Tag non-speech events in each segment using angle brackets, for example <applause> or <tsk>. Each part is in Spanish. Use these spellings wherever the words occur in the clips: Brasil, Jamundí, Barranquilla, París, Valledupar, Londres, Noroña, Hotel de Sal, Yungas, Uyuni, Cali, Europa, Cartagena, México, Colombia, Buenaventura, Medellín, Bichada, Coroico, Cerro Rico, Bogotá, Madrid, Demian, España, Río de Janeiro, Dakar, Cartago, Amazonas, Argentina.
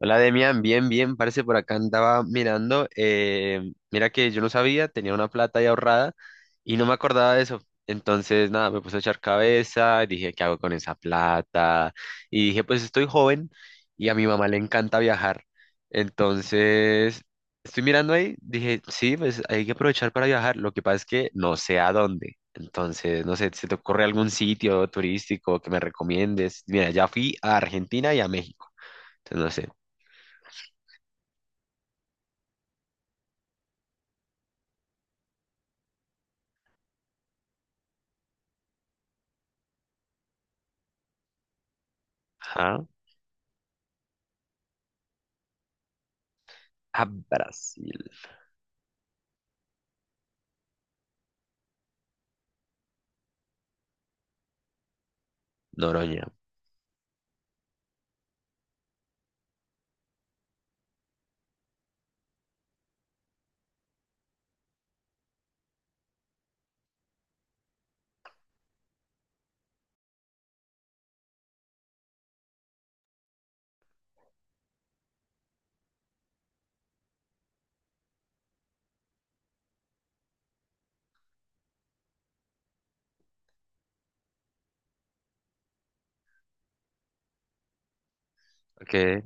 Hola Demian, bien, bien, parece por acá andaba mirando. Mira que yo no sabía, tenía una plata ahí ahorrada y no me acordaba de eso. Entonces, nada, me puse a echar cabeza, dije, ¿qué hago con esa plata? Y dije, pues estoy joven y a mi mamá le encanta viajar. Entonces, estoy mirando ahí, dije, sí, pues hay que aprovechar para viajar. Lo que pasa es que no sé a dónde. Entonces, no sé, ¿se te ocurre algún sitio turístico que me recomiendes? Mira, ya fui a Argentina y a México. Entonces, no sé. Ajá. A Brasil. Noroña. Okay.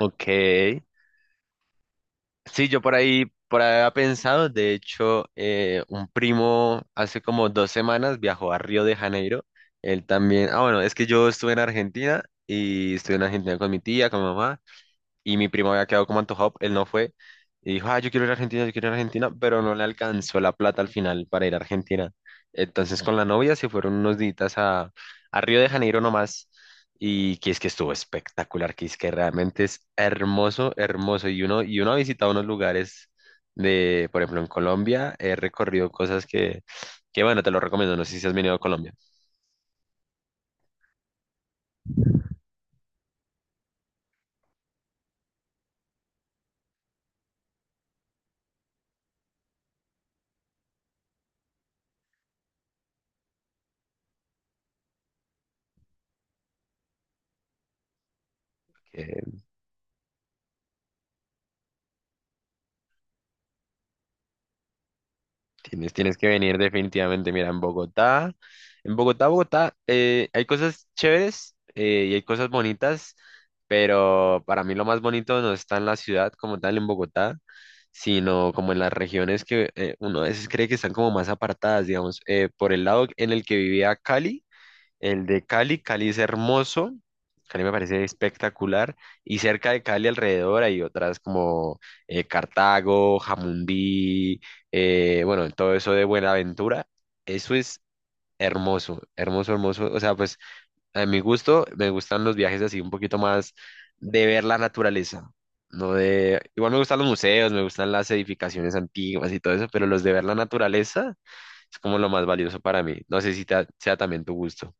Okay. Sí, yo por ahí había pensado. De hecho, un primo hace como dos semanas viajó a Río de Janeiro. Él también. Ah, bueno, es que yo estuve en Argentina y estuve en Argentina con mi tía, con mi mamá. Y mi primo había quedado como antojado, él no fue y dijo, ah, yo quiero ir a Argentina, yo quiero ir a Argentina, pero no le alcanzó la plata al final para ir a Argentina. Entonces con la novia se fueron unos días a Río de Janeiro nomás y que es que estuvo espectacular, que es que realmente es hermoso, hermoso y uno ha visitado unos lugares de, por ejemplo, en Colombia, he recorrido cosas que bueno, te lo recomiendo, no sé si has venido a Colombia. Que tienes, tienes que venir definitivamente. Mira, en Bogotá, en Bogotá, hay cosas chéveres y hay cosas bonitas, pero para mí lo más bonito no está en la ciudad como tal, en Bogotá, sino como en las regiones que uno a veces cree que están como más apartadas, digamos, por el lado en el que vivía Cali. El de Cali, Cali es hermoso, Cali me parece espectacular, y cerca de Cali alrededor hay otras como Cartago, Jamundí, bueno, todo eso de Buenaventura, eso es hermoso, hermoso, hermoso, o sea, pues a mi gusto me gustan los viajes así un poquito más de ver la naturaleza, no de, igual me gustan los museos, me gustan las edificaciones antiguas y todo eso, pero los de ver la naturaleza es como lo más valioso para mí, no sé si sea también tu gusto.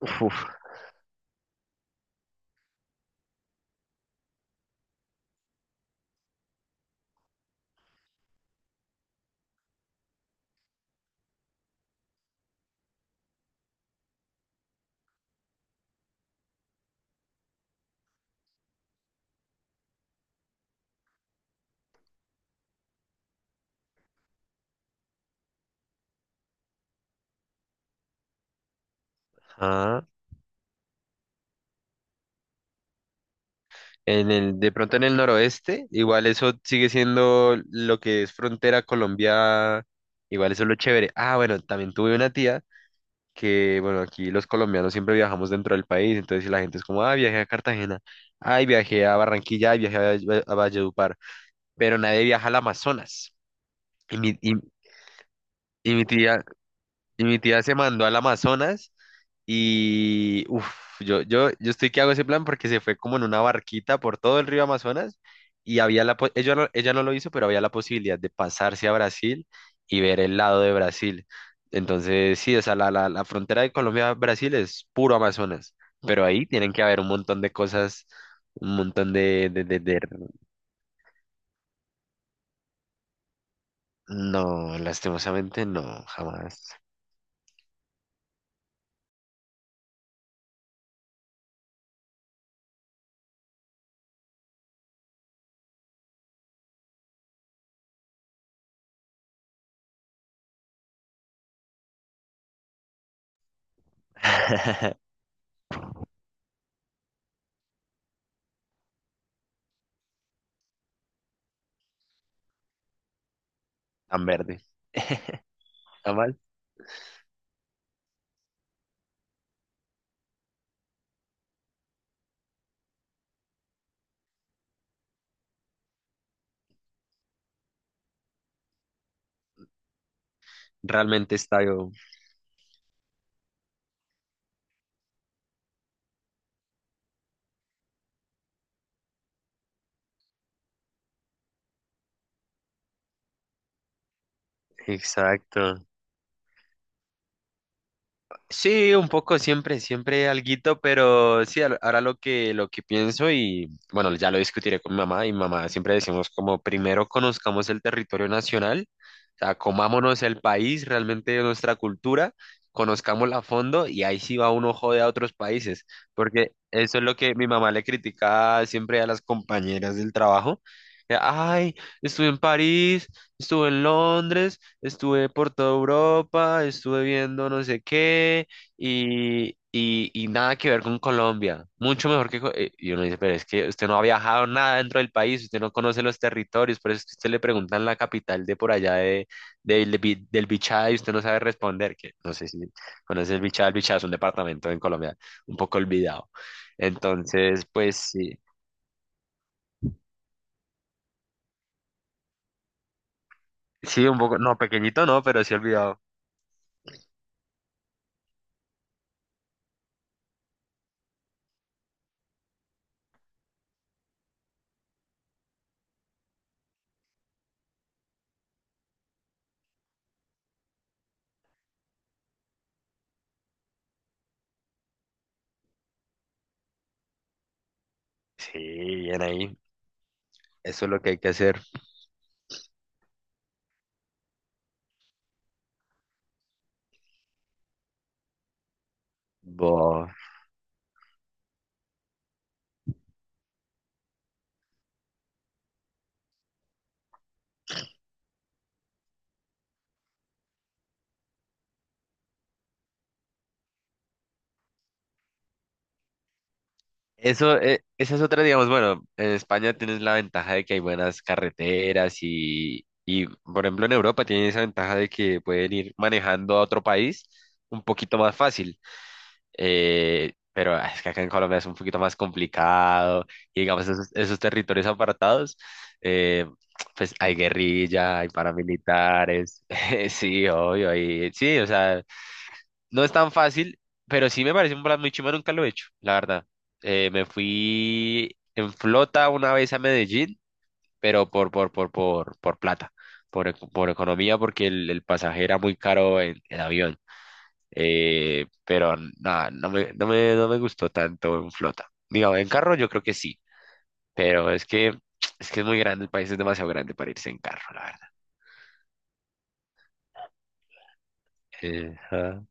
Uf. Ah, en el, de pronto en el noroeste, igual eso sigue siendo lo que es frontera Colombia, igual eso es lo chévere. Ah, bueno, también tuve una tía que, bueno, aquí los colombianos siempre viajamos dentro del país, entonces si la gente es como, ah, viajé a Cartagena, ay, viajé a Barranquilla, ay, viajé a Valledupar, pero nadie viaja al Amazonas. Y mi, y, y mi tía, y mi tía se mandó al Amazonas. Y uff, yo estoy que hago ese plan porque se fue como en una barquita por todo el río Amazonas y había ella no lo hizo, pero había la posibilidad de pasarse a Brasil y ver el lado de Brasil. Entonces, sí, o sea, la frontera de Colombia-Brasil es puro Amazonas, pero ahí tienen que haber un montón de cosas, un montón de... No, lastimosamente no, jamás. <laughs> Tan verde, jamás. Realmente está yo. Exacto. Sí, un poco siempre, siempre alguito, pero sí, ahora lo que pienso y bueno, ya lo discutiré con mi mamá y mamá siempre decimos como primero conozcamos el territorio nacional, o sea, comámonos el país, realmente nuestra cultura, conozcámosla a fondo y ahí sí va uno jode a otros países, porque eso es lo que mi mamá le critica siempre a las compañeras del trabajo. Que, ay, estuve en París, estuve en Londres. Estuve por toda Europa, estuve viendo no sé qué y nada que ver con Colombia. Mucho mejor que... Y uno dice, pero es que usted no ha viajado nada dentro del país, usted no conoce los territorios, por eso es que usted le preguntan la capital de por allá de, del Bichada y usted no sabe responder, que no sé si conoce el Bichada es un departamento en Colombia un poco olvidado. Entonces, pues sí, sí, un poco, no, pequeñito no, pero sí olvidado. Sí, bien ahí, eso es lo que hay que hacer. Bo Eso, esa es otra, digamos, bueno, en España tienes la ventaja de que hay buenas carreteras y, por ejemplo, en Europa tienen esa ventaja de que pueden ir manejando a otro país un poquito más fácil. Pero ah, es que acá en Colombia es un poquito más complicado y, digamos, esos, esos territorios apartados, eh, pues hay guerrilla, hay paramilitares, <laughs> sí, obvio, hay, sí, o sea, no es tan fácil, pero sí me parece un plan muy chimba, nunca lo he hecho, la verdad. Me fui en flota una vez a Medellín, pero por plata, por economía, porque el pasaje era muy caro en avión. Pero nada, no me gustó tanto en flota. Digo, en carro yo creo que sí, pero es que, <tsk> es que es muy grande, el país es demasiado grande para irse en carro, la verdad. Ajá.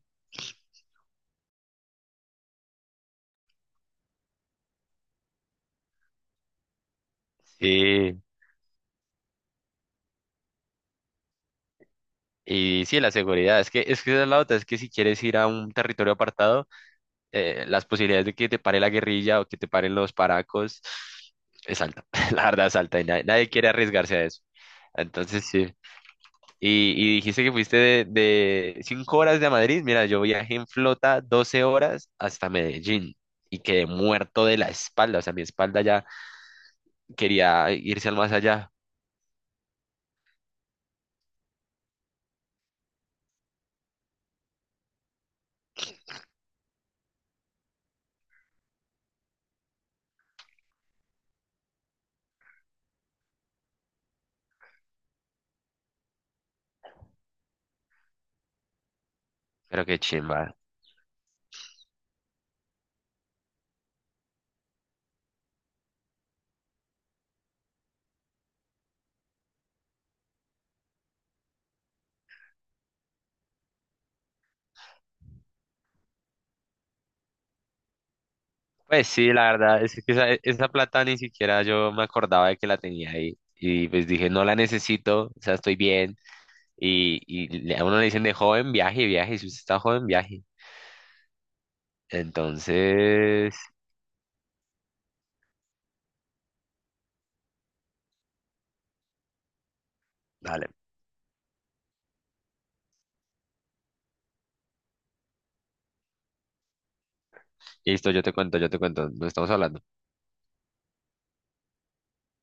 Sí. Y sí, la seguridad, es que esa es la otra, es que si quieres ir a un territorio apartado, las posibilidades de que te pare la guerrilla o que te paren los paracos es alta, <laughs> la verdad es alta y nadie, nadie quiere arriesgarse a eso. Entonces sí, y dijiste que fuiste de 5 horas de Madrid, mira, yo viajé en flota 12 horas hasta Medellín y quedé muerto de la espalda, o sea, mi espalda ya quería irse al más allá, pero qué chimba. Pues sí, la verdad, es que esa plata ni siquiera yo me acordaba de que la tenía ahí. Y pues dije, no la necesito, o sea, estoy bien. Y a uno le dicen de joven, viaje, viaje. Si usted está joven, viaje. Entonces, dale. Listo, yo te cuento, yo te cuento. No estamos hablando.